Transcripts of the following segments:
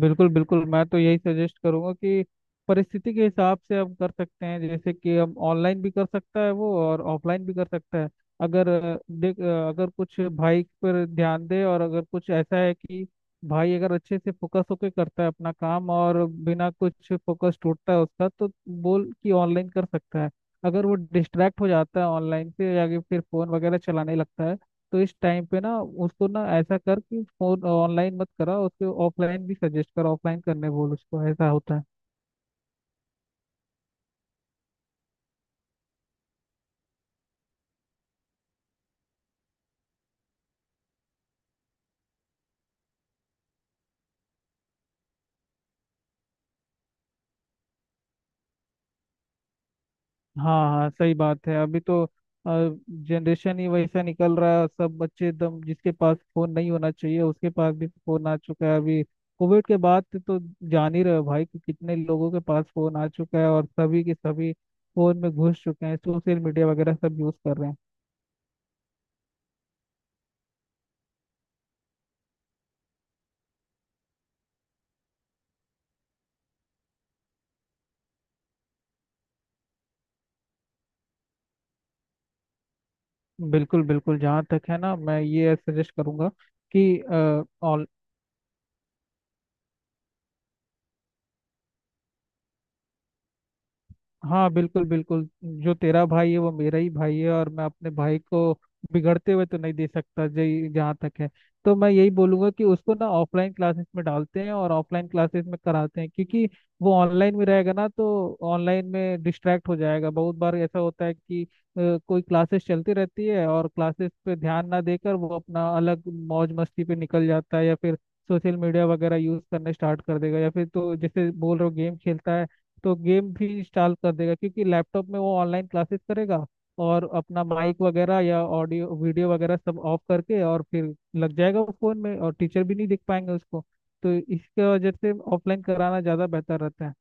बिल्कुल बिल्कुल, मैं तो यही सजेस्ट करूंगा कि परिस्थिति के हिसाब से हम कर सकते हैं। जैसे कि हम ऑनलाइन भी कर सकता है वो और ऑफलाइन भी कर सकता है। अगर देख, अगर कुछ भाई पर ध्यान दे और अगर कुछ ऐसा है कि भाई अगर अच्छे से फोकस होकर करता है अपना काम और बिना कुछ फोकस टूटता है उसका, तो बोल कि ऑनलाइन कर सकता है। अगर वो डिस्ट्रैक्ट हो जाता है ऑनलाइन से या कि फिर फोन वगैरह चलाने लगता है, तो इस टाइम पे ना उसको ना ऐसा कर कि फोन ऑनलाइन मत करा उसके, ऑफलाइन भी सजेस्ट कर, ऑफलाइन करने बोल उसको, ऐसा होता है। हाँ हाँ, सही बात है। अभी तो जनरेशन ही वैसा निकल रहा है, सब बच्चे एकदम, जिसके पास फोन नहीं होना चाहिए उसके पास भी फोन आ चुका है अभी। कोविड के बाद से तो जान ही रहे हो भाई कि कितने लोगों के पास फोन आ चुका है, और सभी के सभी फोन में घुस चुके हैं, सोशल मीडिया वगैरह सब यूज कर रहे हैं। बिल्कुल बिल्कुल, जहाँ तक है ना, मैं ये सजेस्ट करूंगा कि हाँ, बिल्कुल बिल्कुल, जो तेरा भाई है वो मेरा ही भाई है, और मैं अपने भाई को बिगड़ते हुए तो नहीं दे सकता जी। जहाँ तक है, तो मैं यही बोलूंगा कि उसको ना ऑफलाइन क्लासेस में डालते हैं और ऑफलाइन क्लासेस में कराते हैं, क्योंकि वो ऑनलाइन में रहेगा ना तो ऑनलाइन में डिस्ट्रैक्ट हो जाएगा। बहुत बार ऐसा होता है कि कोई क्लासेस चलती रहती है और क्लासेस पे ध्यान ना देकर वो अपना अलग मौज मस्ती पे निकल जाता है, या फिर सोशल मीडिया वगैरह यूज करने स्टार्ट कर देगा, या फिर तो जैसे बोल रहे हो गेम खेलता है, तो गेम भी इंस्टॉल कर देगा क्योंकि लैपटॉप में वो ऑनलाइन क्लासेस करेगा और अपना माइक वगैरह या ऑडियो वीडियो वगैरह सब ऑफ करके और फिर लग जाएगा वो फोन में, और टीचर भी नहीं देख पाएंगे उसको। तो इसके वजह से ऑफलाइन कराना ज़्यादा बेहतर रहता है।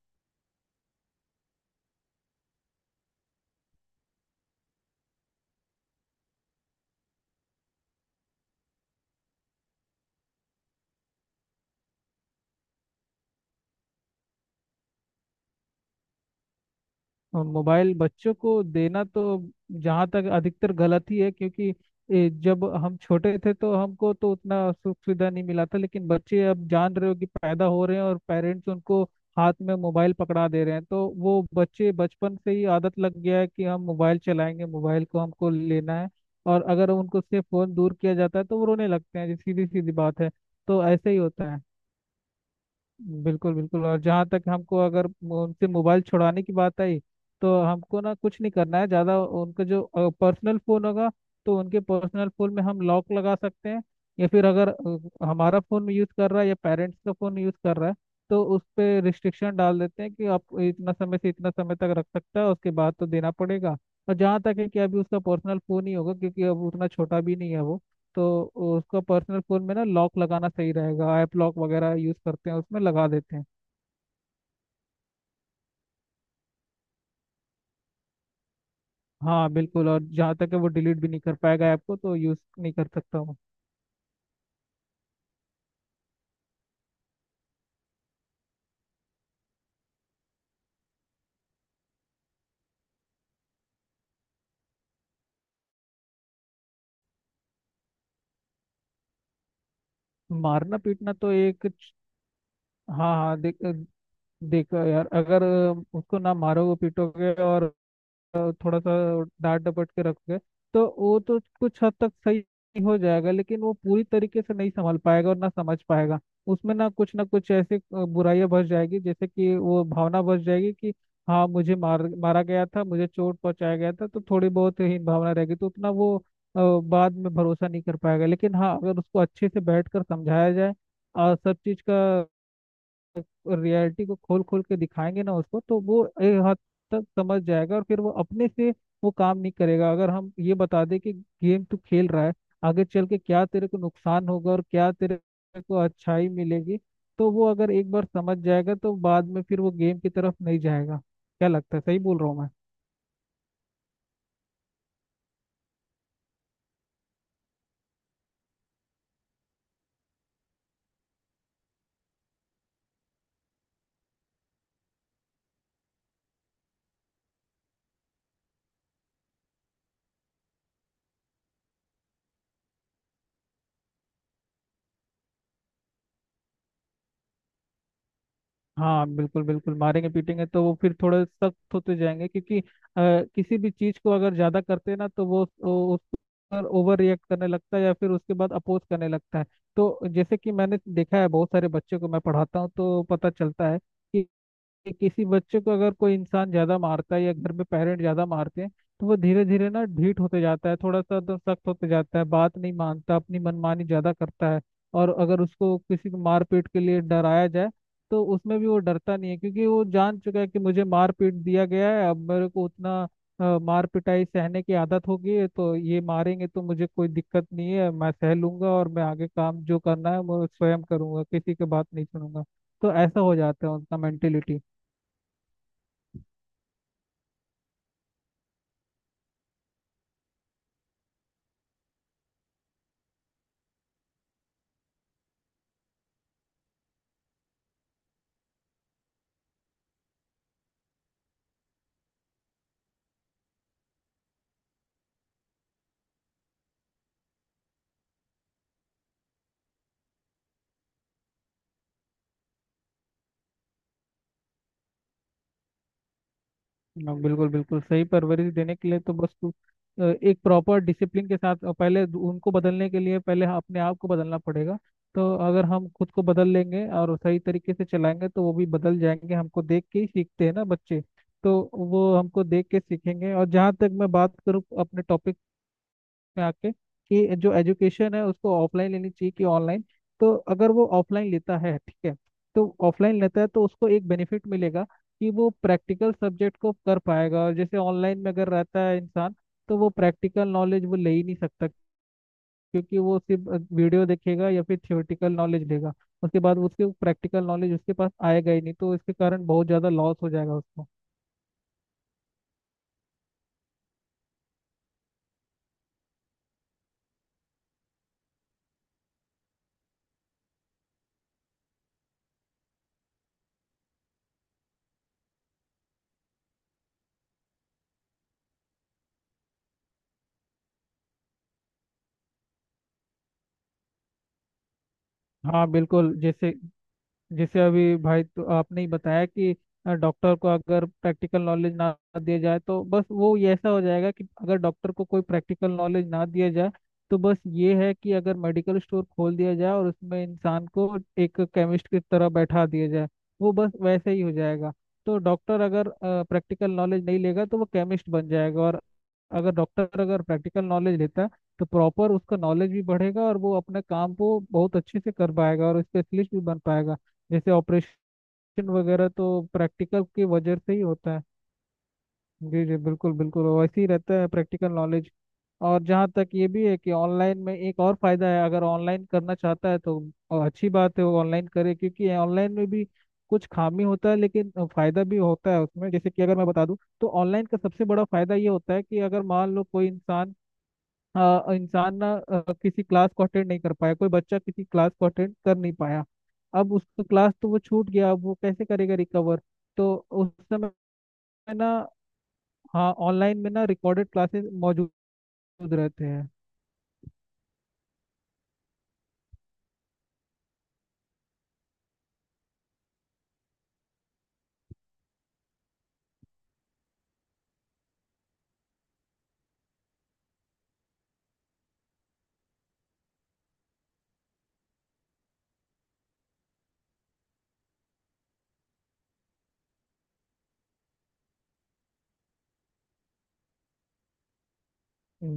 और मोबाइल बच्चों को देना तो जहाँ तक अधिकतर गलत ही है, क्योंकि जब हम छोटे थे तो हमको तो उतना सुख सुविधा नहीं मिला था, लेकिन बच्चे अब जान रहे हो कि पैदा हो रहे हैं और पेरेंट्स उनको हाथ में मोबाइल पकड़ा दे रहे हैं, तो वो बच्चे बचपन से ही आदत लग गया है कि हम मोबाइल चलाएंगे, मोबाइल को हमको लेना है। और अगर उनको से फोन दूर किया जाता है तो वो रोने लगते हैं, ये सीधी सीधी बात है। तो ऐसे ही होता है। बिल्कुल बिल्कुल, और जहाँ तक हमको अगर वो उनसे मोबाइल छुड़ाने की बात आई, तो हमको ना कुछ नहीं करना है ज़्यादा। उनका जो पर्सनल फ़ोन होगा, तो उनके पर्सनल फ़ोन में हम लॉक लगा सकते हैं, या फिर अगर हमारा फ़ोन यूज़ कर रहा है या पेरेंट्स का फ़ोन यूज़ कर रहा है, तो उस पे रिस्ट्रिक्शन डाल देते हैं कि आप इतना समय से इतना समय तक रख सकता है, उसके बाद तो देना पड़ेगा। और जहाँ तक है कि अभी उसका पर्सनल फ़ोन ही होगा, क्योंकि अब उतना छोटा भी नहीं है वो, तो उसका पर्सनल फोन में ना लॉक लगाना सही रहेगा, ऐप लॉक वगैरह यूज करते हैं उसमें लगा देते हैं। हाँ बिल्कुल, और जहाँ तक है वो डिलीट भी नहीं कर पाएगा ऐप को, तो यूज नहीं कर सकता हूँ। मारना पीटना तो एक हाँ हाँ, देख, देखो यार, अगर उसको ना मारोगे पीटोगे और थोड़ा सा डांट डपट के रखोगे, तो वो तो कुछ हद तक सही हो जाएगा, लेकिन वो पूरी तरीके से नहीं संभाल पाएगा और ना समझ पाएगा। उसमें ना कुछ ऐसे बुराइयां बस जाएगी, जैसे कि वो भावना बस जाएगी कि हाँ, मुझे मार, मारा गया था, मुझे चोट पहुंचाया गया था, तो थोड़ी बहुत ही भावना रहेगी, तो उतना वो अ, बाद में भरोसा नहीं कर पाएगा। लेकिन हाँ, अगर उसको अच्छे से बैठ कर समझाया जाए और सब चीज का रियलिटी को खोल खोल के दिखाएंगे ना उसको, तो वो एक हद तक समझ जाएगा, और फिर वो अपने से वो काम नहीं करेगा। अगर हम ये बता दें कि गेम तू खेल रहा है आगे चल के क्या तेरे को नुकसान होगा और क्या तेरे को अच्छाई मिलेगी, तो वो अगर एक बार समझ जाएगा तो बाद में फिर वो गेम की तरफ नहीं जाएगा। क्या लगता है, सही बोल रहा हूँ मैं? हाँ बिल्कुल बिल्कुल, मारेंगे पीटेंगे तो वो फिर थोड़े सख्त होते जाएंगे, क्योंकि किसी भी चीज को अगर ज्यादा करते हैं ना, तो वो उस पर ओवर रिएक्ट करने लगता है, या फिर उसके बाद अपोज करने लगता है। तो जैसे कि मैंने देखा है, बहुत सारे बच्चों को मैं पढ़ाता हूँ, तो पता चलता है कि किसी बच्चे को अगर कोई इंसान ज्यादा मारता है या घर में पेरेंट ज्यादा मारते हैं, तो वो धीरे धीरे ना ढीठ होते जाता है, थोड़ा सा तो सख्त होते जाता है, बात नहीं मानता, अपनी मनमानी ज्यादा करता है। और अगर उसको किसी को मारपीट के लिए डराया जाए, तो उसमें भी वो डरता नहीं है, क्योंकि वो जान चुका है कि मुझे मारपीट दिया गया है, अब मेरे को उतना मार पिटाई सहने की आदत हो गई है, तो ये मारेंगे तो मुझे कोई दिक्कत नहीं है, मैं सह लूंगा, और मैं आगे काम जो करना है वो स्वयं करूंगा, किसी की बात नहीं सुनूंगा। तो ऐसा हो जाता है उनका मेंटेलिटी। हाँ, बिल्कुल बिल्कुल, सही परवरिश देने के लिए तो बस तू एक प्रॉपर डिसिप्लिन के साथ, पहले उनको बदलने के लिए पहले हाँ, अपने आप को बदलना पड़ेगा। तो अगर हम खुद को बदल लेंगे और सही तरीके से चलाएंगे, तो वो भी बदल जाएंगे, हमको देख के ही सीखते हैं ना बच्चे। तो वो हमको देख के सीखेंगे। और जहाँ तक मैं बात करूँ अपने टॉपिक में आके, कि जो एजुकेशन है उसको ऑफलाइन लेनी चाहिए कि ऑनलाइन, तो अगर वो ऑफलाइन लेता है ठीक है, तो ऑफलाइन लेता है तो उसको एक बेनिफिट मिलेगा कि वो प्रैक्टिकल सब्जेक्ट को कर पाएगा। और जैसे ऑनलाइन में अगर रहता है इंसान, तो वो प्रैक्टिकल नॉलेज वो ले ही नहीं सकता, क्योंकि वो सिर्फ वीडियो देखेगा या फिर थ्योरेटिकल नॉलेज लेगा, उसके बाद उसके प्रैक्टिकल नॉलेज उसके पास आएगा ही नहीं, तो इसके कारण बहुत ज़्यादा लॉस हो जाएगा उसको। हाँ बिल्कुल, जैसे जैसे अभी भाई तो आपने ही बताया कि डॉक्टर को अगर प्रैक्टिकल नॉलेज ना दिया जाए, तो बस वो ये ऐसा हो जाएगा कि अगर डॉक्टर को कोई प्रैक्टिकल नॉलेज ना दिया जाए, तो बस ये है कि अगर मेडिकल स्टोर खोल दिया जाए और उसमें इंसान को एक केमिस्ट की तरह बैठा दिया जाए, वो बस वैसे ही हो जाएगा। तो डॉक्टर अगर प्रैक्टिकल नॉलेज नहीं लेगा तो वो केमिस्ट बन जाएगा, और अगर डॉक्टर अगर प्रैक्टिकल नॉलेज लेता है, तो प्रॉपर उसका नॉलेज भी बढ़ेगा, और वो अपने काम को बहुत अच्छे से कर पाएगा और स्पेशलिस्ट भी बन पाएगा। जैसे ऑपरेशन वगैरह तो प्रैक्टिकल की वजह से ही होता है। जी जी बिल्कुल बिल्कुल, वैसे ही रहता है प्रैक्टिकल नॉलेज। और जहाँ तक ये भी है कि ऑनलाइन में एक और फायदा है, अगर ऑनलाइन करना चाहता है तो अच्छी बात है, वो ऑनलाइन करे, क्योंकि ऑनलाइन में भी कुछ खामी होता है, लेकिन फायदा भी होता है उसमें। जैसे कि अगर मैं बता दूं, तो ऑनलाइन का सबसे बड़ा फायदा ये होता है कि अगर मान लो कोई इंसान, इंसान ना किसी क्लास को अटेंड नहीं कर पाया, कोई बच्चा किसी क्लास को अटेंड कर नहीं पाया, अब उसका क्लास तो वो छूट गया, अब वो कैसे करेगा रिकवर। तो उस समय में ना, हाँ, ऑनलाइन में ना रिकॉर्डेड क्लासेस मौजूद रहते हैं।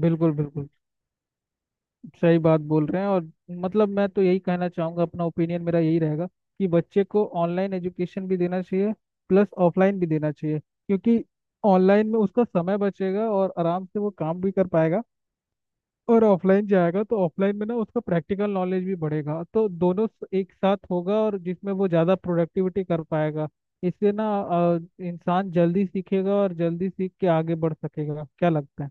बिल्कुल बिल्कुल, सही बात बोल रहे हैं। और मतलब मैं तो यही कहना चाहूँगा, अपना ओपिनियन मेरा यही रहेगा कि बच्चे को ऑनलाइन एजुकेशन भी देना चाहिए प्लस ऑफलाइन भी देना चाहिए, क्योंकि ऑनलाइन में उसका समय बचेगा और आराम से वो काम भी कर पाएगा, और ऑफलाइन जाएगा तो ऑफलाइन में ना उसका प्रैक्टिकल नॉलेज भी बढ़ेगा, तो दोनों एक साथ होगा, और जिसमें वो ज़्यादा प्रोडक्टिविटी कर पाएगा। इससे ना इंसान जल्दी सीखेगा और जल्दी सीख के आगे बढ़ सकेगा, क्या लगता है?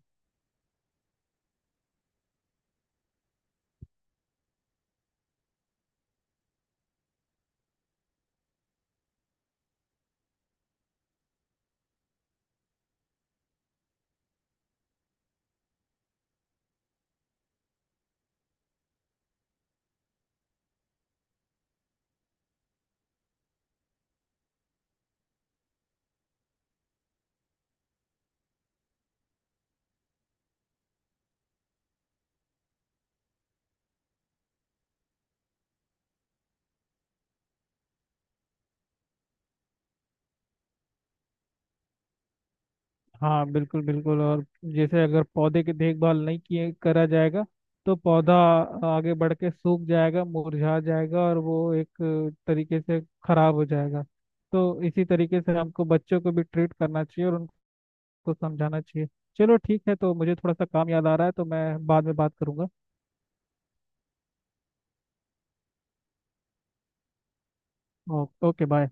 हाँ बिल्कुल बिल्कुल, और जैसे अगर पौधे की देखभाल नहीं किए करा जाएगा, तो पौधा आगे बढ़ के सूख जाएगा, मुरझा जाएगा, और वो एक तरीके से खराब हो जाएगा। तो इसी तरीके से हमको बच्चों को भी ट्रीट करना चाहिए और को समझाना चाहिए। चलो ठीक है, तो मुझे थोड़ा सा काम याद आ रहा है, तो मैं बाद में बात करूंगा। Okay, bye.